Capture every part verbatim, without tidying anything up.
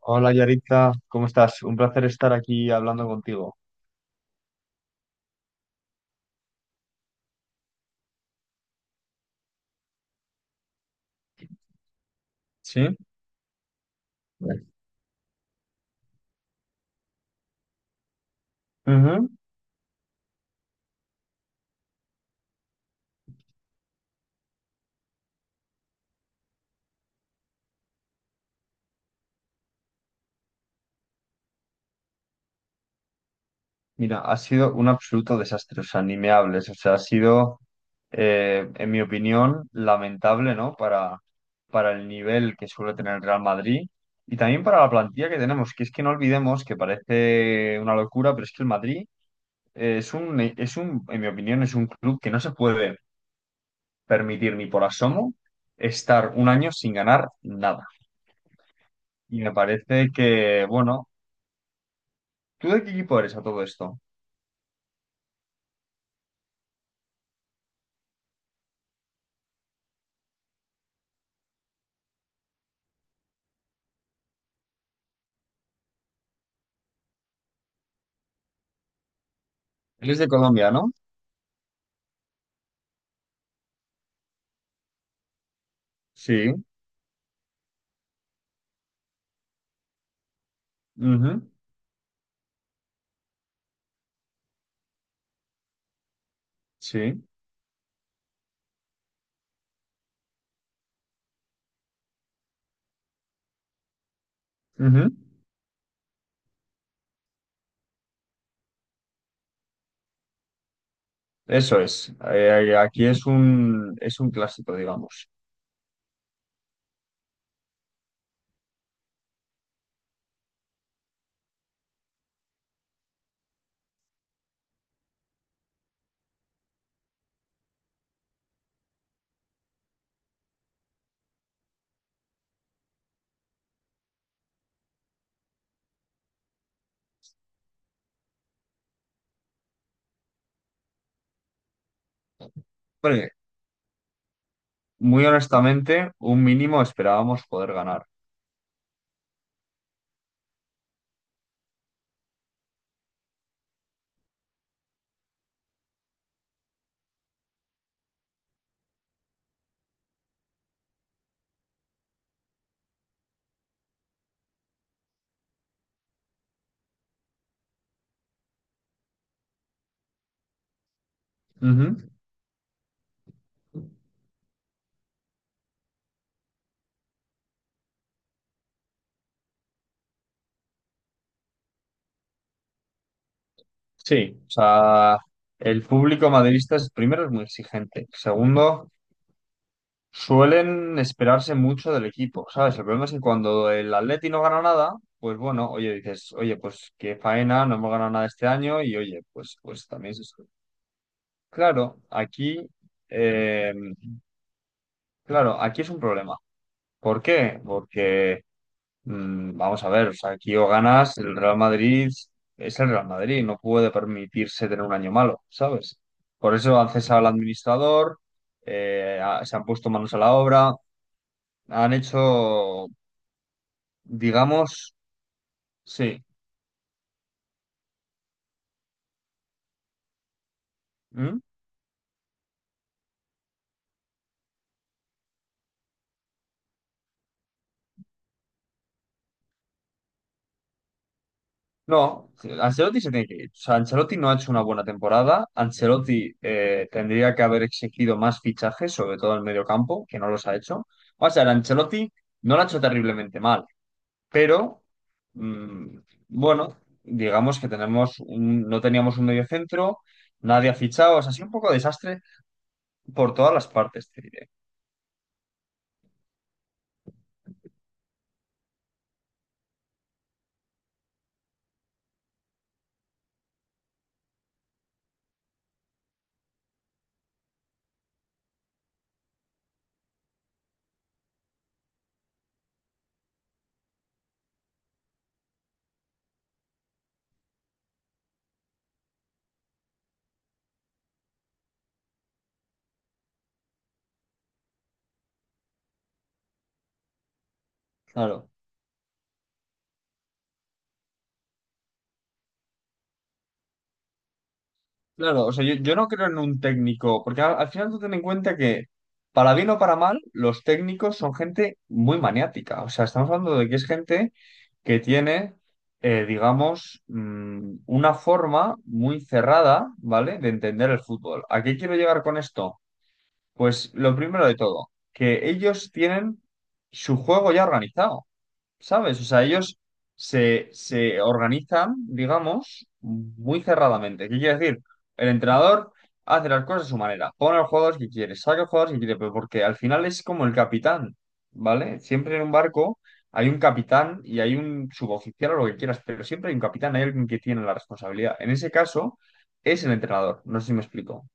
Hola Yaritza, ¿cómo estás? Un placer estar aquí hablando contigo. ¿Sí? Bien. Ujú. Mira, ha sido un absoluto desastre, o sea, ni me hables, o sea, ha sido, eh, en mi opinión, lamentable, ¿no? Para, para el nivel que suele tener el Real Madrid y también para la plantilla que tenemos, que es que no olvidemos que parece una locura, pero es que el Madrid eh, es un, es un, en mi opinión, es un club que no se puede permitir ni por asomo estar un año sin ganar nada. Y me parece que, bueno, ¿tú de qué equipo eres a todo esto? Él es de Colombia, ¿no? Sí, ujú, sí, ujú. Eso es. Eh, eh, aquí es un, es un clásico, digamos. Bueno, muy honestamente, un mínimo esperábamos poder ganar. Ujú. Sí, o sea, el público madridista es, primero es muy exigente, segundo suelen esperarse mucho del equipo, ¿sabes? El problema es que cuando el Atleti no gana nada, pues bueno, oye, dices, oye, pues qué faena, no hemos ganado nada este año y oye, pues, pues también es esto. Claro, aquí, eh, claro, aquí es un problema. ¿Por qué? Porque, mm, vamos a ver, o sea, aquí o ganas, el Real Madrid es el Real Madrid, no puede permitirse tener un año malo, ¿sabes? Por eso han cesado al administrador, eh, ha- se han puesto manos a la obra, han hecho, digamos, sí. ¿Mm? No, Ancelotti se tiene que ir. O sea, Ancelotti no ha hecho una buena temporada. Ancelotti eh, tendría que haber exigido más fichajes, sobre todo en el mediocampo, que no los ha hecho. O sea, el Ancelotti no lo ha hecho terriblemente mal, pero mm, bueno, digamos que tenemos un- no teníamos un mediocentro, nadie ha fichado, o sea, ha sido un poco desastre por todas las partes, te diré. Claro. Claro, o sea, yo, yo no creo en un técnico, porque al, al final tú ten en cuenta que, para bien o para mal, los técnicos son gente muy maniática. O sea, estamos hablando de que es gente que tiene, eh, digamos, mm, una forma muy cerrada, ¿vale?, de entender el fútbol. ¿A qué quiero llegar con esto? Pues lo primero de todo, que ellos tienen su juego ya organizado. ¿Sabes? O sea, ellos se, se organizan, digamos, muy cerradamente. ¿Qué quiere decir? El entrenador hace las cosas a su manera, pone a los jugadores que quiere, saca a los jugadores que quiere, pero porque al final es como el capitán, ¿vale? Siempre en un barco hay un capitán y hay un suboficial o lo que quieras, pero siempre hay un capitán, hay alguien que tiene la responsabilidad. En ese caso, es el entrenador. No sé si me explico.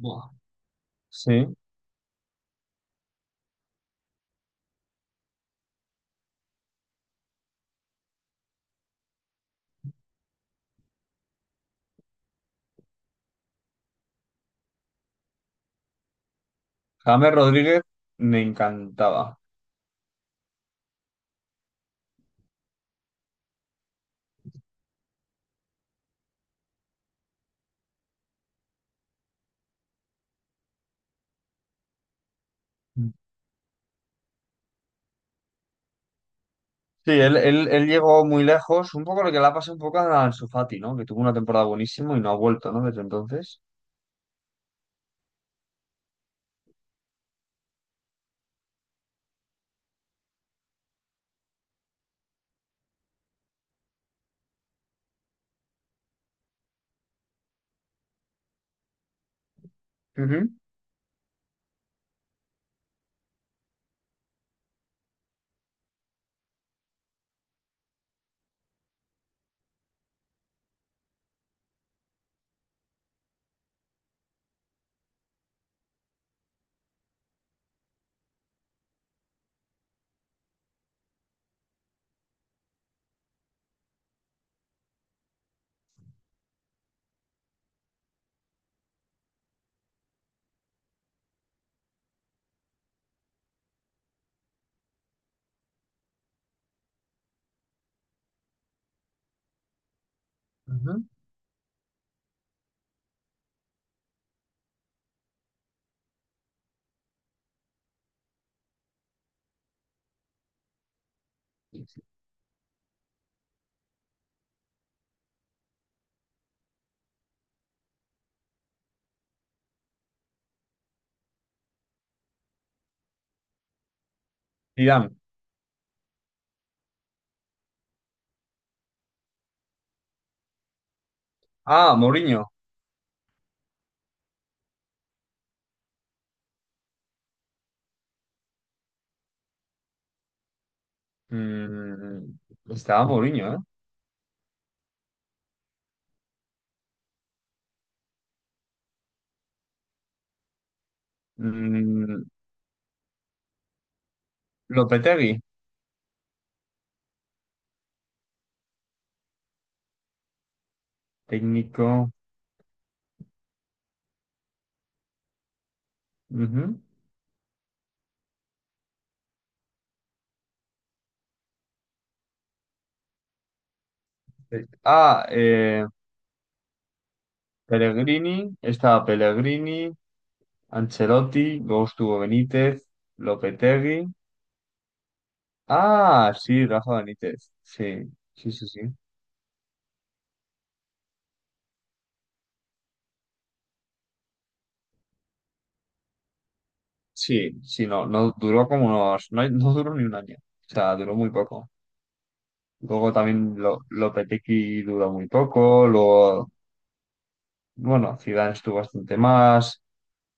Buah. Sí. James Rodríguez me encantaba. Sí, él, él, él llegó muy lejos, un poco lo que le ha pasado un poco a Ansu Fati, ¿no? Que tuvo una temporada buenísima y no ha vuelto, ¿no? Desde entonces. Ujú. Ujú. Zidane. Ah, Mourinho. Mm, estaba Mourinho, ¿eh? Mm, Lopetegui, técnico. Ujú. Eh, Ah, eh, Pellegrini. Estaba Pellegrini. Ancelotti. Luego estuvo Benítez. Lopetegui. Ah, sí, Rafa Benítez. Sí, sí, sí, sí. Sí, sí, no, no duró como unos, no, no duró ni un año, o sea, duró muy poco. Luego también lo, Lopetegui duró muy poco, luego, bueno, Zidane estuvo bastante más,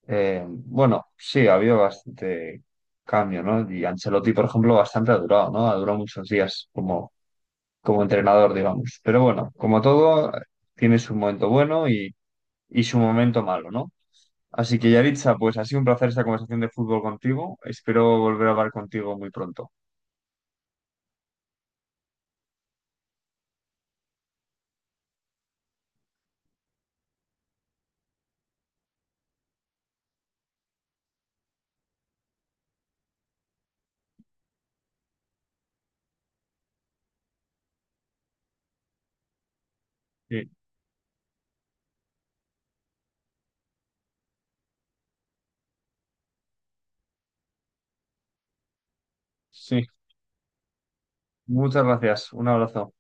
eh, bueno, sí, ha habido bastante cambio, ¿no? Y Ancelotti, por ejemplo, bastante ha durado, ¿no? Ha durado muchos días como, como entrenador, digamos. Pero bueno, como todo, tiene su momento bueno y, y su momento malo, ¿no? Así que, Yaritza, pues ha sido un placer esta conversación de fútbol contigo. Espero volver a hablar contigo muy pronto. Sí, sí. Muchas gracias. Un abrazo.